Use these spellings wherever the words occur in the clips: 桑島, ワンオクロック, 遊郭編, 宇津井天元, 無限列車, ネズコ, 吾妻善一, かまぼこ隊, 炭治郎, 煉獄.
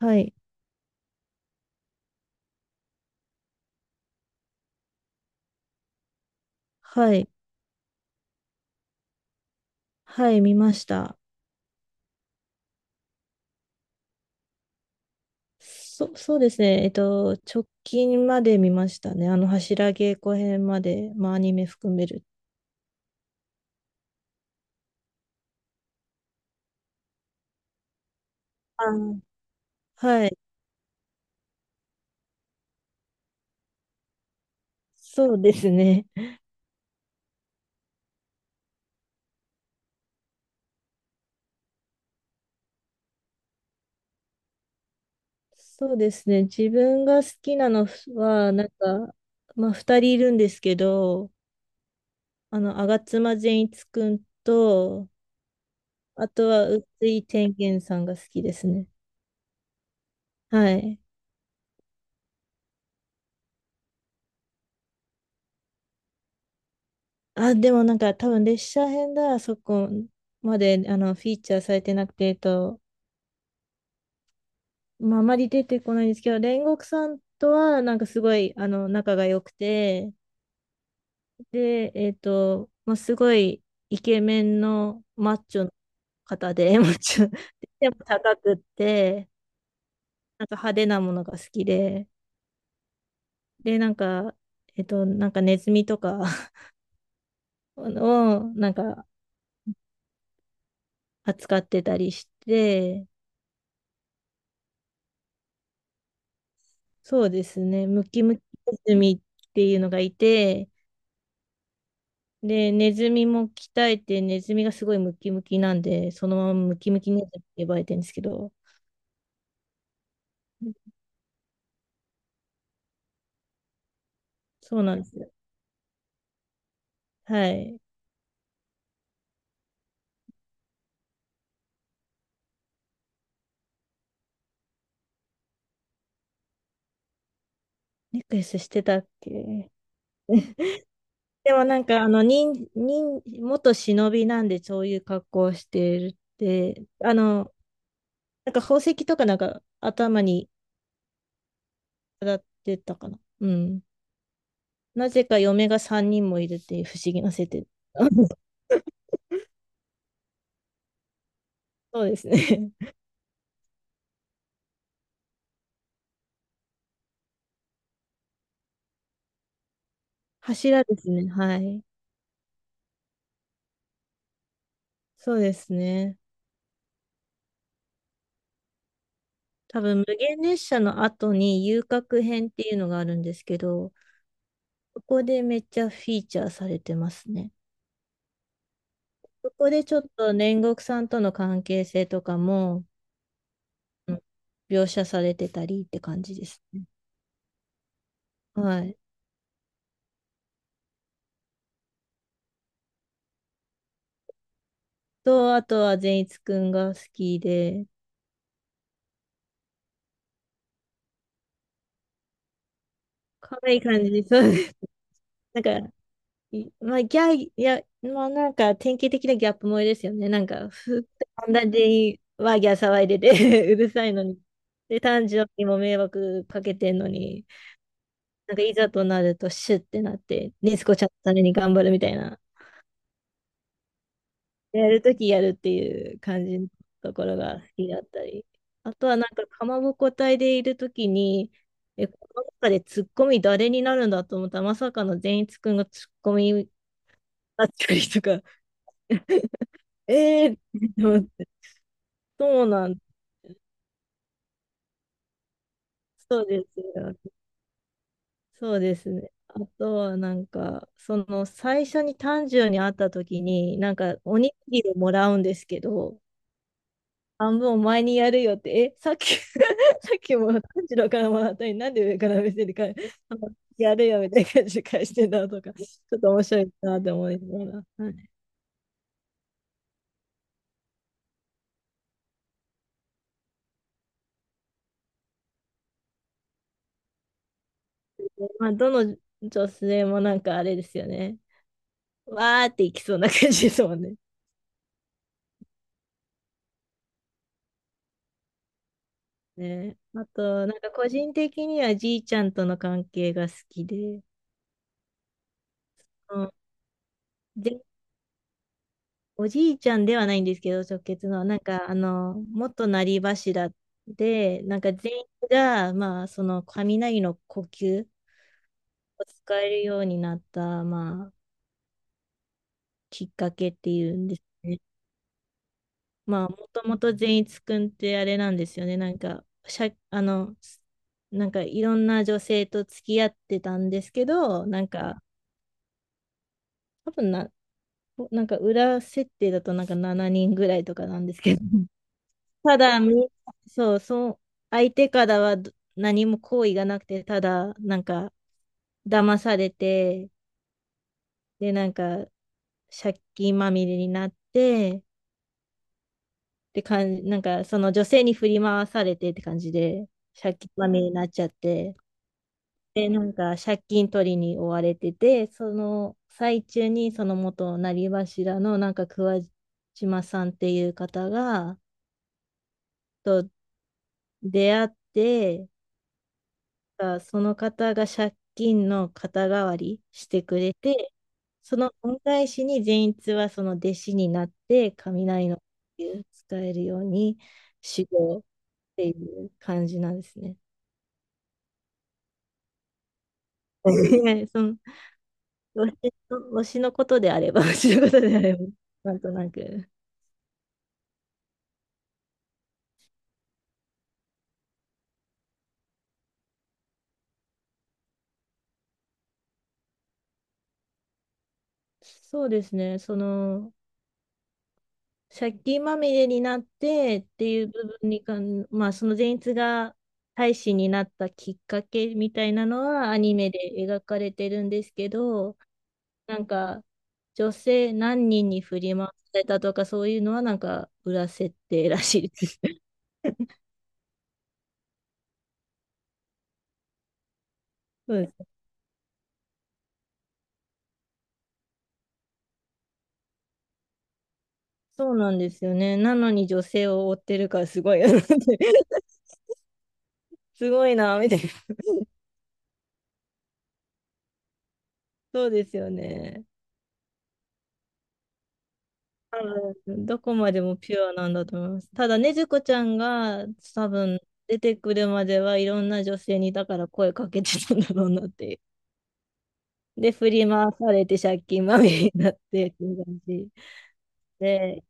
はい、はい、はい、見ました。そうですね。直近まで見ましたね。柱稽古編まで、アニメ含める。あー、はい、そうですね。そうですね。自分が好きなのは、二人いるんですけど、吾妻善一くんと、あとは、宇津井天元さんが好きですね。はい。あ、でもなんか多分列車編だ、そこまでフィーチャーされてなくて、あまり出てこないんですけど、煉獄さんとはなんかすごい仲が良くて、で、すごいイケメンのマッチョの方で、マッチョ、でも高くって、なんか派手なものが好きで、で、なんかネズミとか をなんか扱ってたりして、そうですね。ムキムキネズミっていうのがいて、で、ネズミも鍛えて、ネズミがすごいムキムキなんで、そのままムキムキネズミって呼ばれてるんですけど、そうなんですよ。はい。ネックレスしてたっけ？でもなんか、元忍びなんで、そういう格好をしてるって、なんか宝石とかなんか頭に当たってたかな。うん。なぜか嫁が3人もいるっていう不思議な設定。そうですね。柱ですね。はい。そうですね。多分、無限列車の後に遊郭編っていうのがあるんですけど、そこでめっちゃフィーチャーされてますね。そこでちょっと煉獄さんとの関係性とかも、うん、描写されてたりって感じですね。はい。と、あとは善逸くんが好きで、可愛い感じで、そうです。なんか、いまあ、ギャいや、まあなんか典型的なギャップ萌えですよね。っんなにワーギャー騒いでて うるさいのに。で、炭治郎にも迷惑かけてんのに、なんかいざとなるとシュッてなって、ネズコちゃんのために頑張るみたいな。やるときやるっていう感じのところが好きだったり。あとはなんか、かまぼこ隊でいるときに、え、この中でツッコミ誰になるんだと思ったら、まさかの善逸くんがツッコミだったりとか。ええー、思って、そうなん、そうですよ。そうですね。あとはなんか、その最初に炭治郎に会った時に、なんかおにぎりをもらうんですけど、半分お前にやるよって、さっき さっきも炭治郎からもらったのに、なんで上から見せるか、あの やるよみたいな感じで返してたとか、ちょっと面白いなって思いながら。はい、まあ、どの女性もなんかあれですよね。わーっていきそうな感じですもんね。ね。あと、なんか個人的にはじいちゃんとの関係が好きで、うん、で、おじいちゃんではないんですけど、直結の、元成柱で、なんか全員が、その雷の呼吸を使えるようになった、きっかけっていうんですね。もともと善逸くんってあれなんですよね。なんか、しゃ、あの、なんかいろんな女性と付き合ってたんですけど、多分な、おなんか裏設定だとなんか7人ぐらいとかなんですけど、ただみそう、そう、相手からは何も好意がなくて、ただなんか騙されて、で、なんか借金まみれになって、って感じ、なんかその女性に振り回されてって感じで、借金まみれになっちゃって、で、なんか借金取りに追われてて、その最中にその元なりわしらのなんか桑島さんっていう方がと出会って、あ、その方が借金の肩代わりしてくれて、その恩返しに善逸はその弟子になって、雷の呼吸を使えるように修行っていう感じなんですね。はい、その、推しのことであれば、推しのことであれば、なんとなく。そうですね、その、借金まみれになってっていう部分にかん、その善逸が大使になったきっかけみたいなのはアニメで描かれてるんですけど、なんか女性何人に振り回されたとかそういうのはなんか裏設定らしいです。そうです。そうなんですよね。なのに女性を追ってるからすごいよなって すごいな、みたいな。そうですよね。多分どこまでもピュアなんだと思います。ただ、ねずこちゃんが多分出てくるまではいろんな女性にだから声かけてたんだろうなっていう。で、振り回されて借金まみれになってっていう感じ。で、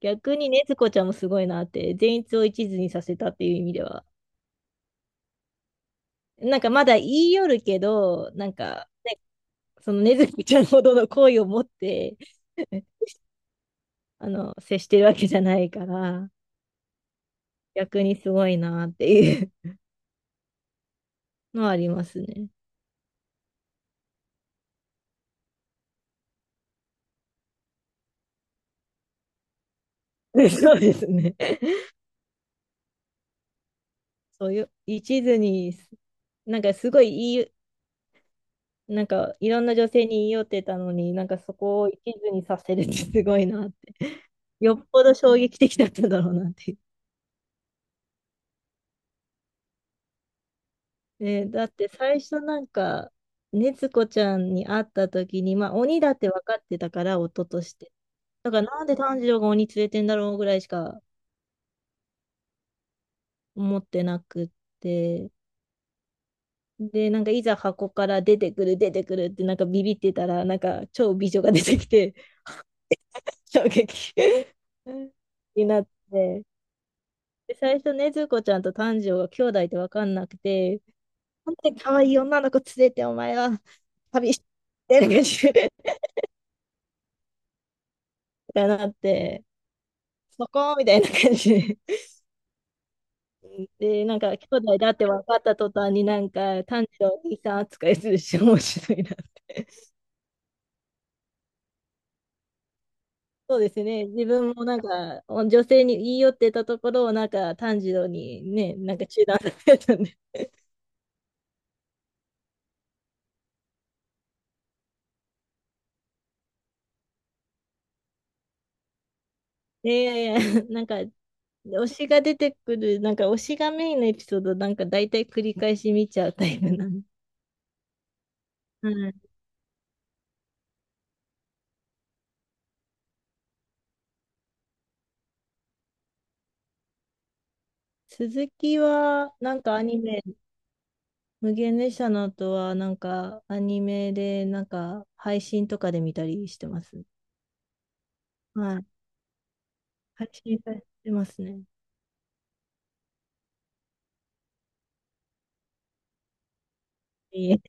逆にねずこちゃんもすごいなって、善逸を一途にさせたっていう意味では。なんかまだ言い寄るけど、なんかそのねずこちゃんほどの恋を持って あの接してるわけじゃないから、逆にすごいなっていうのはありますね。で、そうですね。そういう、一途に、すなんかすごいいい、なんかいろんな女性に言い寄ってたのに、なんかそこを一途にさせるってすごいなって。よっぽど衝撃的だったんだろうなっていう。ね、だって最初なんか、ねつこちゃんに会った時に、まあ鬼だって分かってたから、夫として。だからなんで炭治郎が鬼連れてんだろうぐらいしか思ってなくって。で、なんかいざ箱から出てくるってなんかビビってたら、なんか超美女が出てきて、衝撃 になって、で、最初ね、ずこちゃんと炭治郎が兄弟って分かんなくて、なんで可愛い女の子連れてお前は旅してる感じってなって、そこみたいな感じで。で、なんか、兄弟だって分かった途端になんか、炭治郎お兄さん扱いするし、面白いなって。そうですね、自分もなんか、女性に言い寄ってたところを、なんか、炭治郎にね、なんか中断されたんで。いやいやいや、なんかで推しが出てくる、なんか推しがメインのエピソード、なんか大体繰り返し見ちゃうタイプなの。はい。鈴木は、なんかアニメ、無限列車の後は、なんかアニメで、なんか配信とかで見たりしてます。はい。配信されてますね。いい